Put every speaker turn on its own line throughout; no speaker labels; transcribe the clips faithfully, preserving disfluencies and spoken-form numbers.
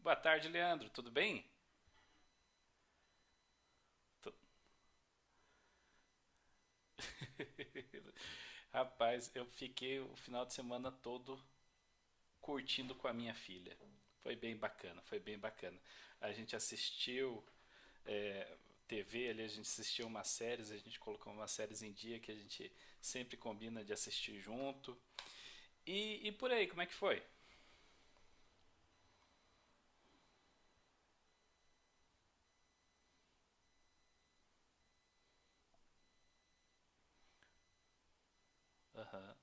Boa tarde, Leandro. Tudo bem? Rapaz, eu fiquei o final de semana todo curtindo com a minha filha. Foi bem bacana, foi bem bacana. A gente assistiu é, T V ali, a gente assistiu umas séries, a gente colocou umas séries em dia que a gente sempre combina de assistir junto. E, e por aí, como é que foi? Aham.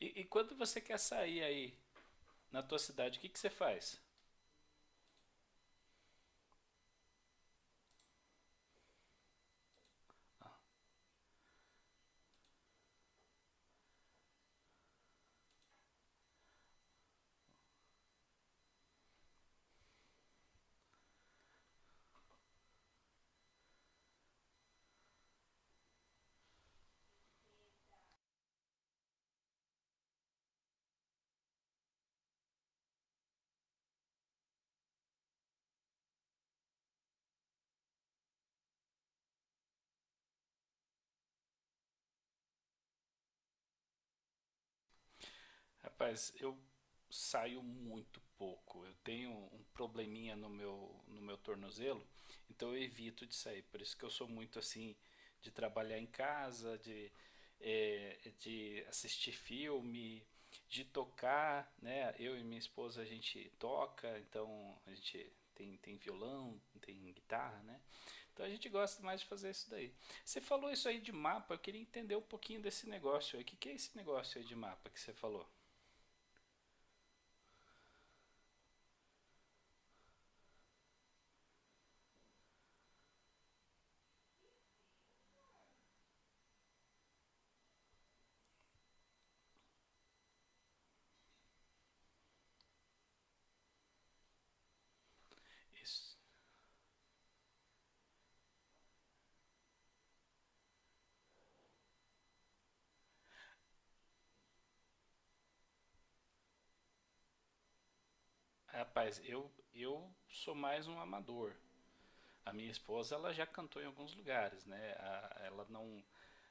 E, e quando você quer sair aí na tua cidade, o que, que você faz? Rapaz, eu saio muito pouco. Eu tenho um probleminha no meu, no meu tornozelo, então eu evito de sair. Por isso que eu sou muito assim de trabalhar em casa, de, é, de assistir filme, de tocar, né? Eu e minha esposa a gente toca, então a gente tem, tem violão, tem guitarra, né? Então a gente gosta mais de fazer isso daí. Você falou isso aí de mapa, eu queria entender um pouquinho desse negócio aí. O que, que é esse negócio aí de mapa que você falou? Isso. Rapaz, eu, eu sou mais um amador. A minha esposa, ela já cantou em alguns lugares, né? A- ela não.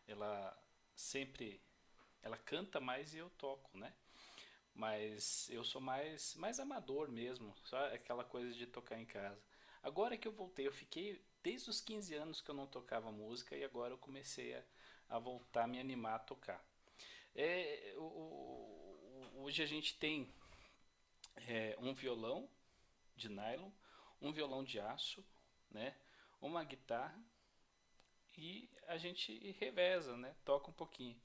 Ela sempre. Ela canta mais e eu toco, né? Mas eu sou mais, mais amador mesmo. Só aquela coisa de tocar em casa. Agora que eu voltei, eu fiquei. Desde os quinze anos que eu não tocava música e agora eu comecei a, a voltar a me animar a tocar. É, o- o- o- hoje a gente tem é, um violão de nylon, um violão de aço, né? Uma guitarra e a gente reveza, né? Toca um pouquinho.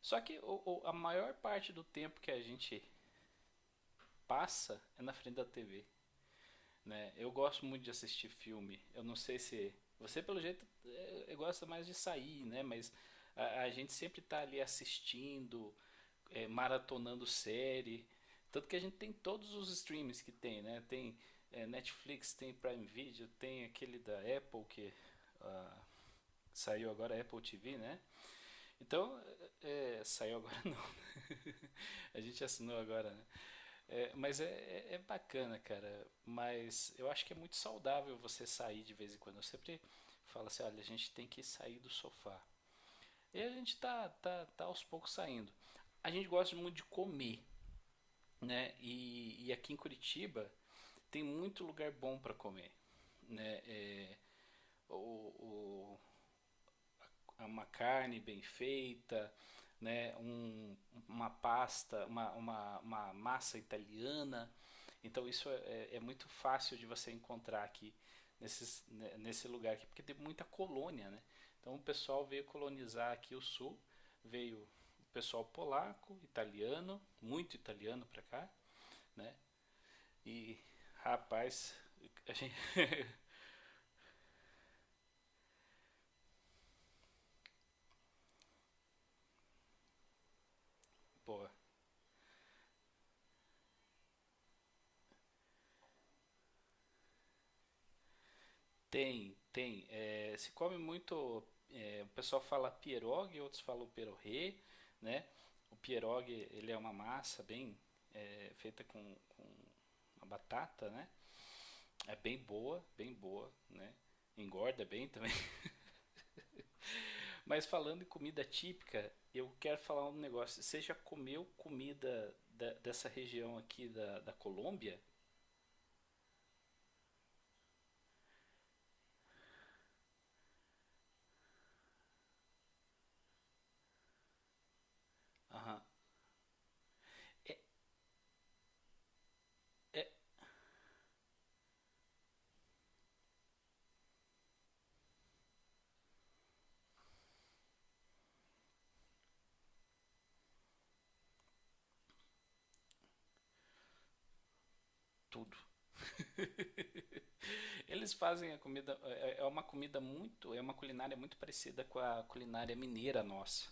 Só que o, o- a maior parte do tempo que a gente passa é na frente da T V, né? Eu gosto muito de assistir filme. Eu não sei se você pelo jeito é, gosta mais de sair, né? Mas a, a gente sempre tá ali assistindo, é, maratonando série. Tanto que a gente tem todos os streams que tem, né? Tem é, Netflix, tem Prime Video, tem aquele da Apple que ah, saiu agora, Apple T V, né? Então, é, é, saiu agora não. A gente assinou agora, né? É, mas é, é é bacana, cara. Mas eu acho que é muito saudável você sair de vez em quando. Eu sempre falo assim, olha, a gente tem que sair do sofá. E a gente tá, tá, tá aos poucos saindo. A gente gosta muito de comer, né? E, e aqui em Curitiba tem muito lugar bom para comer, né? É, o, o, uma carne bem feita, né? Um, uma pasta, uma, uma, uma massa italiana. Então isso é, é é muito fácil de você encontrar aqui nesses, né, nesse lugar aqui, porque tem muita colônia, né? Então o pessoal veio colonizar aqui o sul, veio o pessoal polaco, italiano, muito italiano para cá, né? E, rapaz, a gente, pô, tem, tem. É, se come muito. É, o pessoal fala pierogi, outros falam perorê, né? O pierogi, ele é uma massa bem é, feita com, com uma batata, né? É bem boa, bem boa, né? Engorda bem também. Mas falando em comida típica, eu quero falar um negócio. Você já comeu comida da- dessa região aqui da, da Colômbia? Aham. É, é tudo. Eles fazem a comida, é é é uma comida muito, é uma culinária muito parecida com a culinária mineira nossa.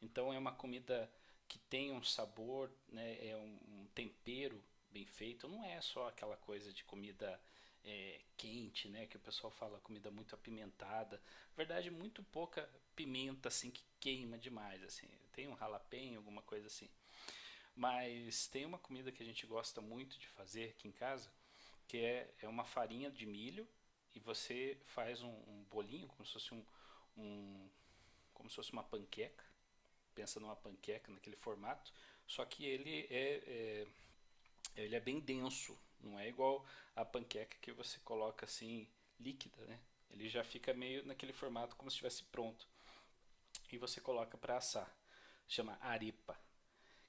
Então é uma comida que tem um sabor, né, é um, um tempero bem feito, não é só aquela coisa de comida é, quente, né, que o pessoal fala comida muito apimentada. Na verdade, muito pouca pimenta assim que queima demais, assim. Tem um ralapenho, alguma coisa assim. Mas tem uma comida que a gente gosta muito de fazer aqui em casa, que é, é uma farinha de milho e você faz um, um bolinho, como se fosse um, um, como se fosse uma panqueca. Pensa numa panqueca naquele formato, só que ele é, é ele é bem denso, não é igual a panqueca que você coloca assim líquida, né? Ele já fica meio naquele formato como se estivesse pronto e você coloca para assar. Chama arepa.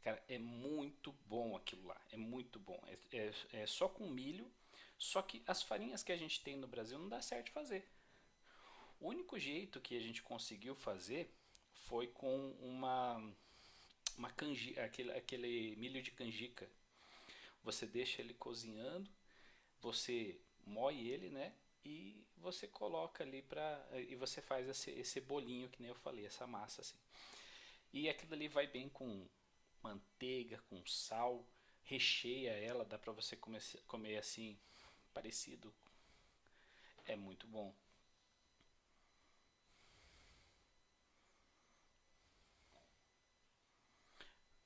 Cara, é muito bom aquilo lá. É muito bom. É, é, é só com milho. Só que as farinhas que a gente tem no Brasil não dá certo fazer. O único jeito que a gente conseguiu fazer foi com uma, uma canjica, aquele, aquele milho de canjica. Você deixa ele cozinhando, você moe ele, né? E você coloca ali para e você faz esse, esse bolinho que nem eu falei, essa massa assim. E aquilo ali vai bem com manteiga, com sal, recheia ela, dá para você comer, comer assim, parecido. É muito bom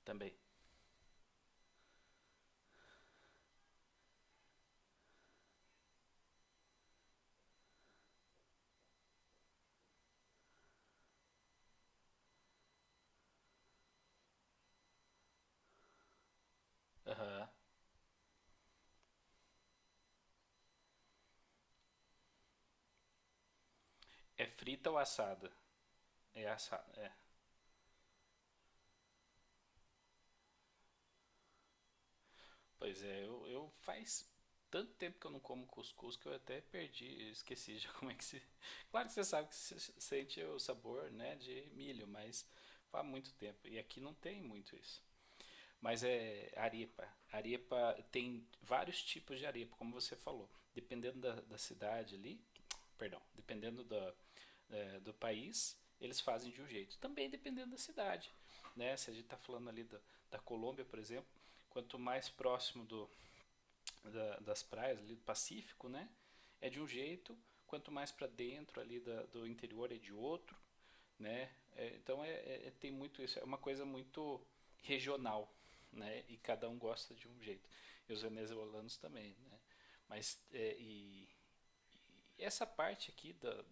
também. Ah, é frita ou assada? É assada, é. Pois é, eu, eu faz tanto tempo que eu não como cuscuz que eu até perdi, eu esqueci já como é que se. Claro que você sabe que você sente o sabor, né, de milho, mas faz muito tempo. E aqui não tem muito isso. Mas é arepa. Arepa tem vários tipos de arepa, como você falou. Dependendo da, da cidade ali, perdão, dependendo do, é, do país, eles fazem de um jeito. Também dependendo da cidade. Né? Se a gente está falando ali da, da Colômbia, por exemplo, quanto mais próximo do, da, das praias ali do Pacífico, né? É de um jeito, quanto mais para dentro ali da, do interior é de outro, né? É, então é, é, é, tem muito isso, é uma coisa muito regional, né? E cada um gosta de um jeito. E os venezuelanos também, né? Mas é, e, e essa parte aqui da,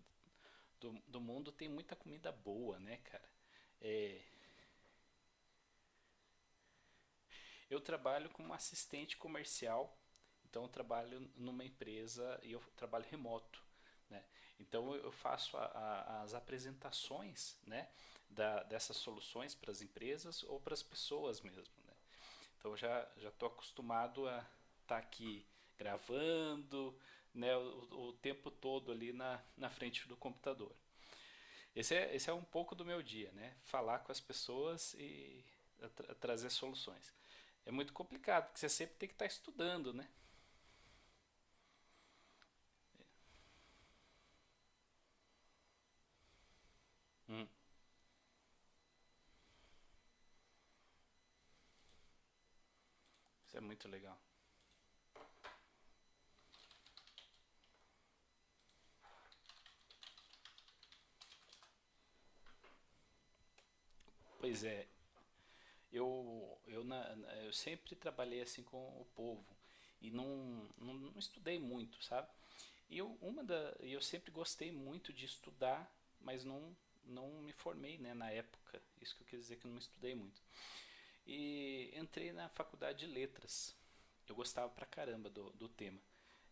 do, do mundo tem muita comida boa, né, cara? É, eu trabalho como assistente comercial, então eu trabalho numa empresa e eu trabalho remoto. Né? Então eu faço a, a, as apresentações, né, da, dessas soluções para as empresas ou para as pessoas mesmo. Né? Então eu já já estou acostumado a estar tá aqui gravando, né, o, o tempo todo ali na, na frente do computador. Esse é, esse é um pouco do meu dia, né? Falar com as pessoas e tra trazer soluções. É muito complicado, porque você sempre tem que estar estudando, né? Hum, isso é muito legal. Pois é, eu, eu, na, eu sempre trabalhei assim com o povo e não, não, não estudei muito, sabe? E eu, uma da, eu sempre gostei muito de estudar, mas não, não me formei, né, na época. Isso que eu quis dizer que eu não estudei muito. E entrei na faculdade de letras. Eu gostava pra caramba do, do tema.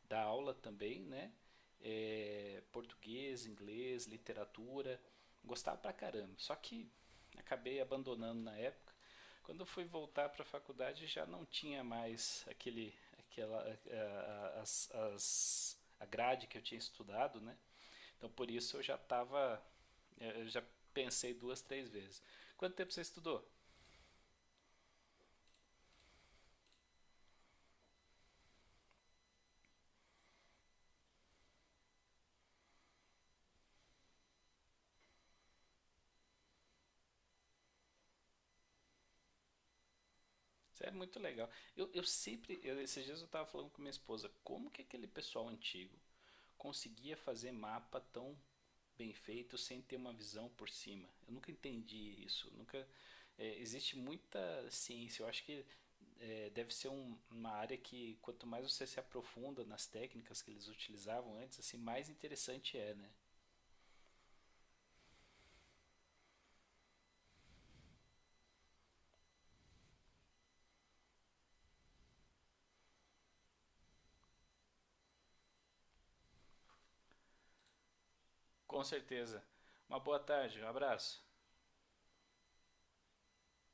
Da aula também, né? É, português, inglês, literatura. Gostava pra caramba. Só que acabei abandonando na época. Quando eu fui voltar para a faculdade já não tinha mais aquele, aquela, a, as, as- a grade que eu tinha estudado, né? Então por isso eu já estava, eu já pensei duas, três vezes. Quanto tempo você estudou? Isso é muito legal. Eu, eu sempre, eu, esses dias eu estava falando com minha esposa, como que aquele pessoal antigo conseguia fazer mapa tão bem feito sem ter uma visão por cima? Eu nunca entendi isso. Nunca é, existe muita ciência. Eu acho que é, deve ser um, uma área que quanto mais você se aprofunda nas técnicas que eles utilizavam antes, assim mais interessante é, né? Com certeza. Uma boa tarde, um abraço.